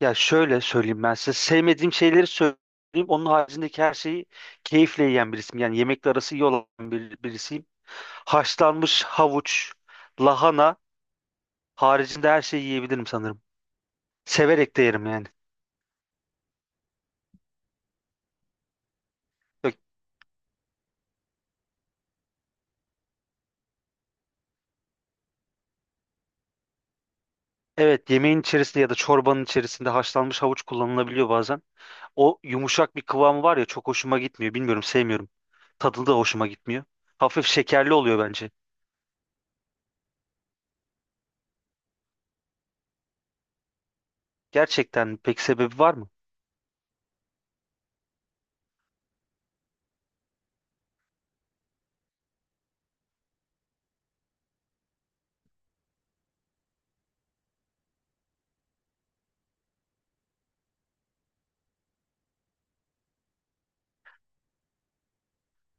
Ya şöyle söyleyeyim ben size. Sevmediğim şeyleri söyleyeyim. Onun haricindeki her şeyi keyifle yiyen birisiyim. Yani yemekle arası iyi olan birisiyim. Haşlanmış havuç, lahana haricinde her şeyi yiyebilirim sanırım. Severek de yerim yani. Yok. Evet, yemeğin içerisinde ya da çorbanın içerisinde haşlanmış havuç kullanılabiliyor bazen. O yumuşak bir kıvamı var ya, çok hoşuma gitmiyor. Bilmiyorum, sevmiyorum. Tadı da hoşuma gitmiyor. Hafif şekerli oluyor bence. Gerçekten pek sebebi var mı?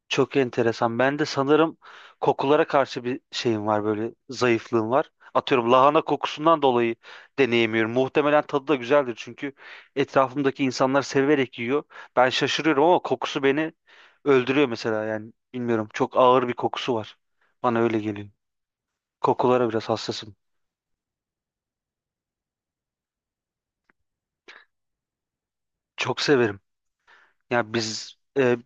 Çok enteresan. Ben de sanırım kokulara karşı bir şeyim var, böyle zayıflığım var. Atıyorum lahana kokusundan dolayı deneyemiyorum. Muhtemelen tadı da güzeldir, çünkü etrafımdaki insanlar severek yiyor. Ben şaşırıyorum ama kokusu beni öldürüyor mesela, yani bilmiyorum. Çok ağır bir kokusu var. Bana öyle geliyor. Kokulara biraz hassasım. Çok severim. Yani biz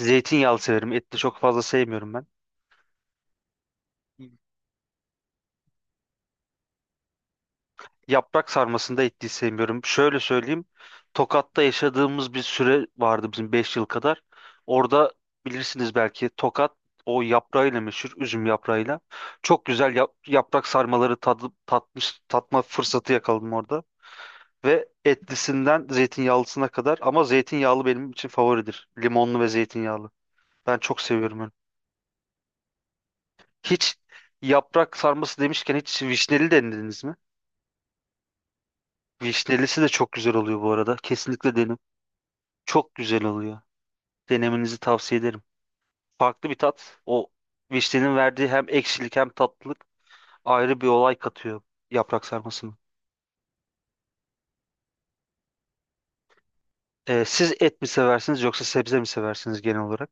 zeytinyağlı severim. Etli çok fazla sevmiyorum ben. Yaprak sarmasında ettiği sevmiyorum. Şöyle söyleyeyim. Tokat'ta yaşadığımız bir süre vardı bizim, 5 yıl kadar. Orada, bilirsiniz belki, Tokat o yaprağıyla meşhur, üzüm yaprağıyla. Çok güzel yaprak sarmaları tatma fırsatı yakaladım orada. Ve etlisinden zeytinyağlısına kadar, ama zeytinyağlı benim için favoridir. Limonlu ve zeytinyağlı. Ben çok seviyorum onu. Hiç, yaprak sarması demişken, hiç vişneli denediniz mi? Vişnelisi de çok güzel oluyor bu arada. Kesinlikle denin. Çok güzel oluyor. Denemenizi tavsiye ederim. Farklı bir tat. O vişnenin verdiği hem ekşilik hem tatlılık ayrı bir olay katıyor yaprak sarmasına. Siz et mi seversiniz yoksa sebze mi seversiniz genel olarak?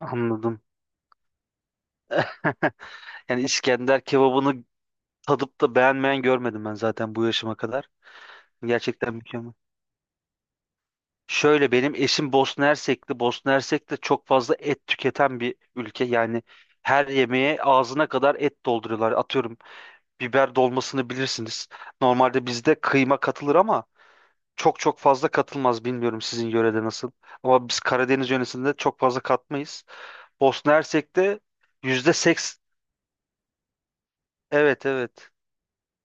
Anladım. Yani İskender kebabını tadıp da beğenmeyen görmedim ben zaten bu yaşıma kadar. Gerçekten mükemmel. Şöyle, benim eşim Bosna Hersekli. Bosna Hersek de çok fazla et tüketen bir ülke. Yani her yemeğe ağzına kadar et dolduruyorlar. Atıyorum biber dolmasını bilirsiniz. Normalde bizde kıyma katılır ama çok çok fazla katılmaz. Bilmiyorum sizin yörede nasıl. Ama biz Karadeniz yöresinde çok fazla katmayız. Bosna Hersek'te yüzde seks... Evet, evet.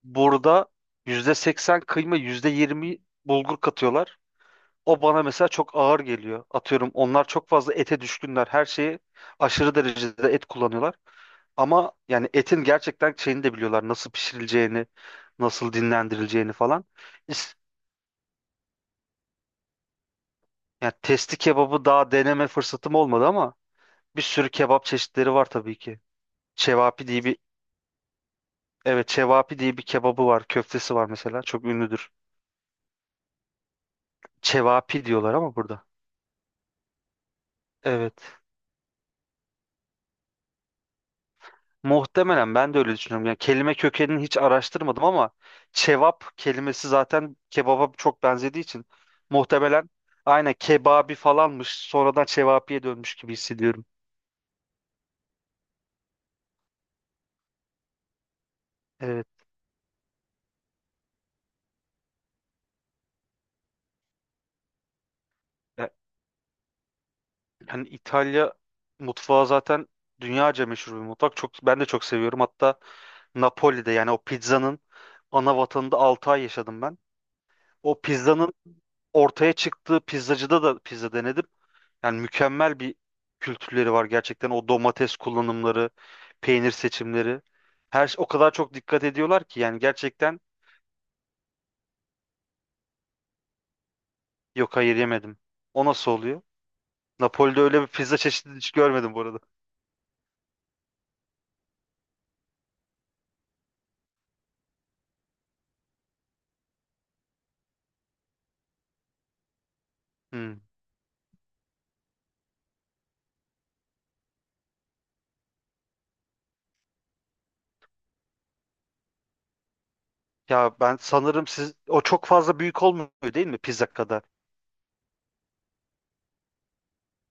Burada %80 kıyma, %20 bulgur katıyorlar. O bana mesela çok ağır geliyor. Atıyorum, onlar çok fazla ete düşkünler. Her şeyi aşırı derecede et kullanıyorlar. Ama yani etin gerçekten şeyini de biliyorlar. Nasıl pişirileceğini, nasıl dinlendirileceğini falan. İs- Yani testi kebabı daha deneme fırsatım olmadı ama bir sürü kebap çeşitleri var tabii ki. Çevapi diye bir evet Çevapi diye bir kebabı var. Köftesi var mesela. Çok ünlüdür. Çevapi diyorlar ama burada. Evet. Muhtemelen, ben de öyle düşünüyorum. Yani kelime kökenini hiç araştırmadım ama cevap kelimesi zaten kebaba çok benzediği için muhtemelen aynen kebabi falanmış, sonradan çevapiye dönmüş gibi hissediyorum. Evet. Ya- Yani İtalya mutfağı zaten dünyaca meşhur bir mutfak. Çok, ben de çok seviyorum. Hatta Napoli'de, yani o pizzanın ana vatanında, 6 ay yaşadım ben. O pizzanın ortaya çıktığı pizzacıda da pizza denedim. Yani mükemmel bir kültürleri var gerçekten. O domates kullanımları, peynir seçimleri. O kadar çok dikkat ediyorlar ki, yani gerçekten. Yok, hayır, yemedim. O nasıl oluyor? Napoli'de öyle bir pizza çeşidi hiç görmedim bu arada. Hmm. Ya ben sanırım siz, o çok fazla büyük olmuyor değil mi, pizza kadar?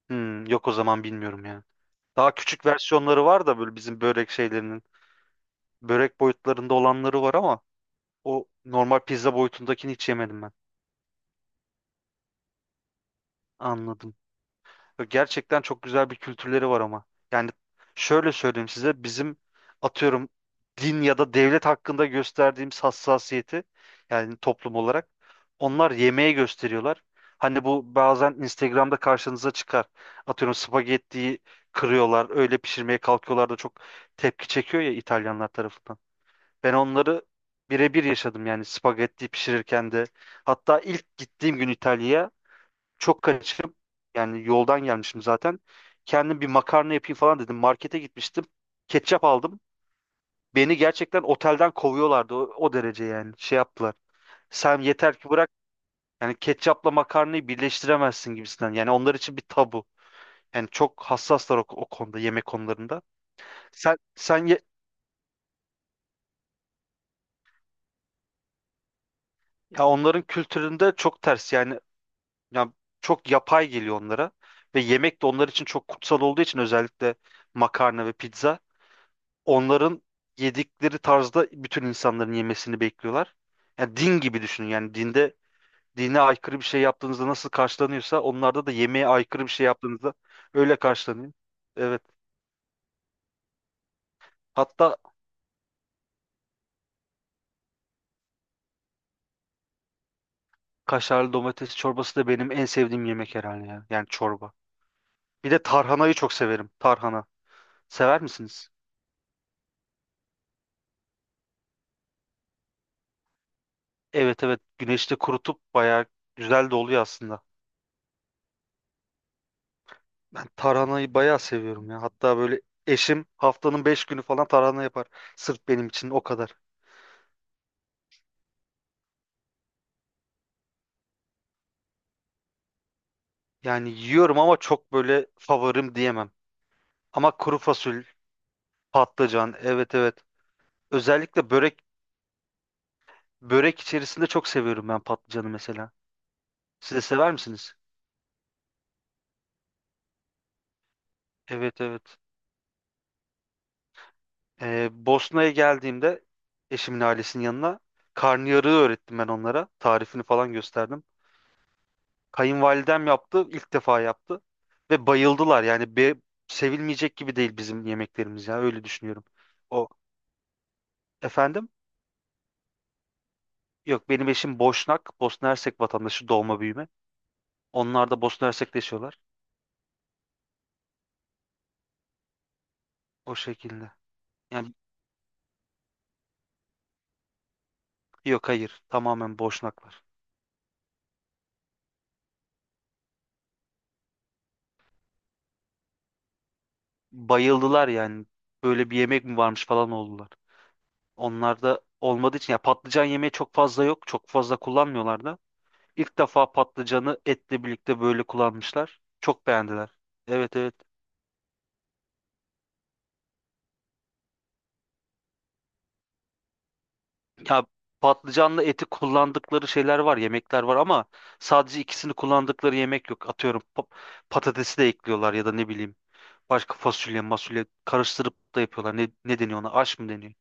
Hmm, yok o zaman, bilmiyorum ya. Daha küçük versiyonları var da, böyle bizim börek şeylerinin. Börek boyutlarında olanları var ama o normal pizza boyutundakini hiç yemedim ben. Anladım. Gerçekten çok güzel bir kültürleri var ama. Yani şöyle söyleyeyim size, bizim atıyorum din ya da devlet hakkında gösterdiğimiz hassasiyeti, yani toplum olarak, onlar yemeğe gösteriyorlar. Hani bu bazen Instagram'da karşınıza çıkar. Atıyorum spagettiyi kırıyorlar, öyle pişirmeye kalkıyorlar da çok tepki çekiyor ya İtalyanlar tarafından. Ben onları birebir yaşadım, yani spagetti pişirirken de. Hatta ilk gittiğim gün İtalya'ya çok kaçıp, yani yoldan gelmişim zaten. Kendim bir makarna yapayım falan dedim. Markete gitmiştim. Ketçap aldım. Beni gerçekten otelden kovuyorlardı, o derece yani. Şey yaptılar. Sen yeter ki bırak, yani ketçapla makarnayı birleştiremezsin gibisinden. Yani onlar için bir tabu. Yani çok hassaslar o konuda, yemek konularında. Sen sen ye- ya onların kültüründe çok ters, yani ya çok yapay geliyor onlara ve yemek de onlar için çok kutsal olduğu için, özellikle makarna ve pizza. Onların yedikleri tarzda bütün insanların yemesini bekliyorlar. Yani din gibi düşünün. Yani dinde, dine aykırı bir şey yaptığınızda nasıl karşılanıyorsa, onlarda da yemeğe aykırı bir şey yaptığınızda öyle karşılanıyor. Evet. Hatta kaşarlı domates çorbası da benim en sevdiğim yemek herhalde ya. Yani çorba. Bir de tarhanayı çok severim. Tarhana. Sever misiniz? Evet, evet. Güneşte kurutup bayağı güzel de oluyor aslında. Ben tarhanayı bayağı seviyorum ya. Hatta böyle, eşim haftanın 5 günü falan tarhana yapar. Sırf benim için o kadar. Yani yiyorum ama çok böyle favorim diyemem. Ama kuru fasulye, patlıcan, evet, evet. Özellikle börek, börek içerisinde çok seviyorum ben patlıcanı mesela. Siz de sever misiniz? Evet, evet. Bosna'ya geldiğimde eşimin ailesinin yanına, karnıyarığı öğrettim ben onlara. Tarifini falan gösterdim. Kayınvalidem yaptı, ilk defa yaptı ve bayıldılar. Yani sevilmeyecek gibi değil bizim yemeklerimiz ya, öyle düşünüyorum. O efendim, yok, benim eşim Boşnak, Bosna Hersek vatandaşı, doğma büyüme. Onlar da Bosna Hersek'te yaşıyorlar o şekilde. Yani yok, hayır, tamamen Boşnaklar. Bayıldılar yani, böyle bir yemek mi varmış falan oldular. Onlar da, olmadığı için ya, patlıcan yemeği çok fazla yok, çok fazla kullanmıyorlar da. İlk defa patlıcanı etle birlikte böyle kullanmışlar. Çok beğendiler. Evet, evet. Ya, patlıcanlı eti kullandıkları şeyler var, yemekler var ama sadece ikisini kullandıkları yemek yok. Atıyorum, patatesi de ekliyorlar ya da ne bileyim, başka fasulye, masulye karıştırıp da yapıyorlar. Ne deniyor ona? Aş mı deniyor?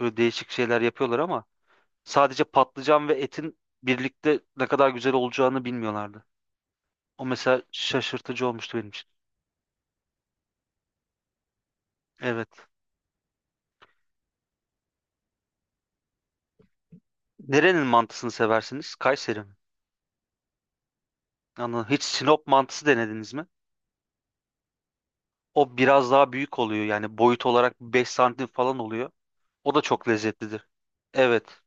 Böyle değişik şeyler yapıyorlar ama sadece patlıcan ve etin birlikte ne kadar güzel olacağını bilmiyorlardı. O mesela şaşırtıcı olmuştu benim için. Evet. Nerenin mantısını seversiniz? Kayseri mi? Anladım. Hiç Sinop mantısı denediniz mi? O biraz daha büyük oluyor, yani boyut olarak 5 santim falan oluyor. O da çok lezzetlidir. Evet.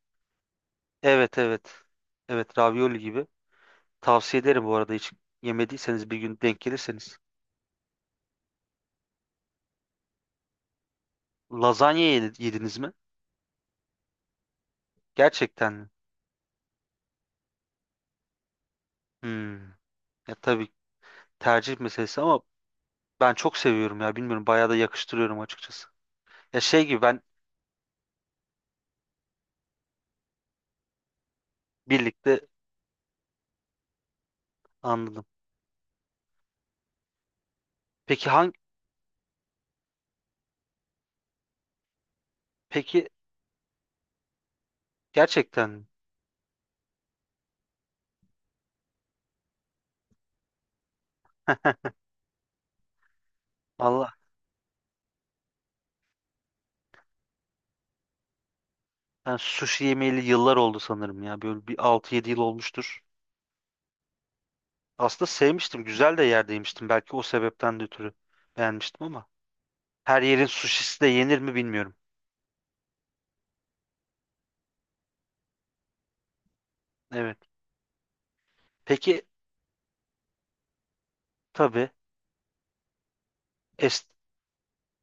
Evet, evet. Evet, ravioli gibi. Tavsiye ederim bu arada, hiç yemediyseniz bir gün denk gelirseniz. Yediniz mi? Gerçekten mi? Hmm. Ya tabii, tercih meselesi ama ben çok seviyorum ya, bilmiyorum, bayağı da yakıştırıyorum açıkçası. Ya şey gibi ben birlikte anladım. Peki hangi peki, gerçekten mi? Allah, ben sushi yemeyeli yıllar oldu sanırım ya, böyle bir 6-7 yıl olmuştur. Aslında sevmiştim. Güzel de yerde yemiştim. Belki o sebepten de ötürü beğenmiştim ama. Her yerin suşisi de yenir mi bilmiyorum. Evet. Peki, tabii. Es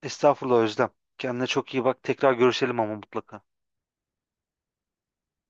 Estağfurullah Özlem. Kendine çok iyi bak. Tekrar görüşelim ama mutlaka.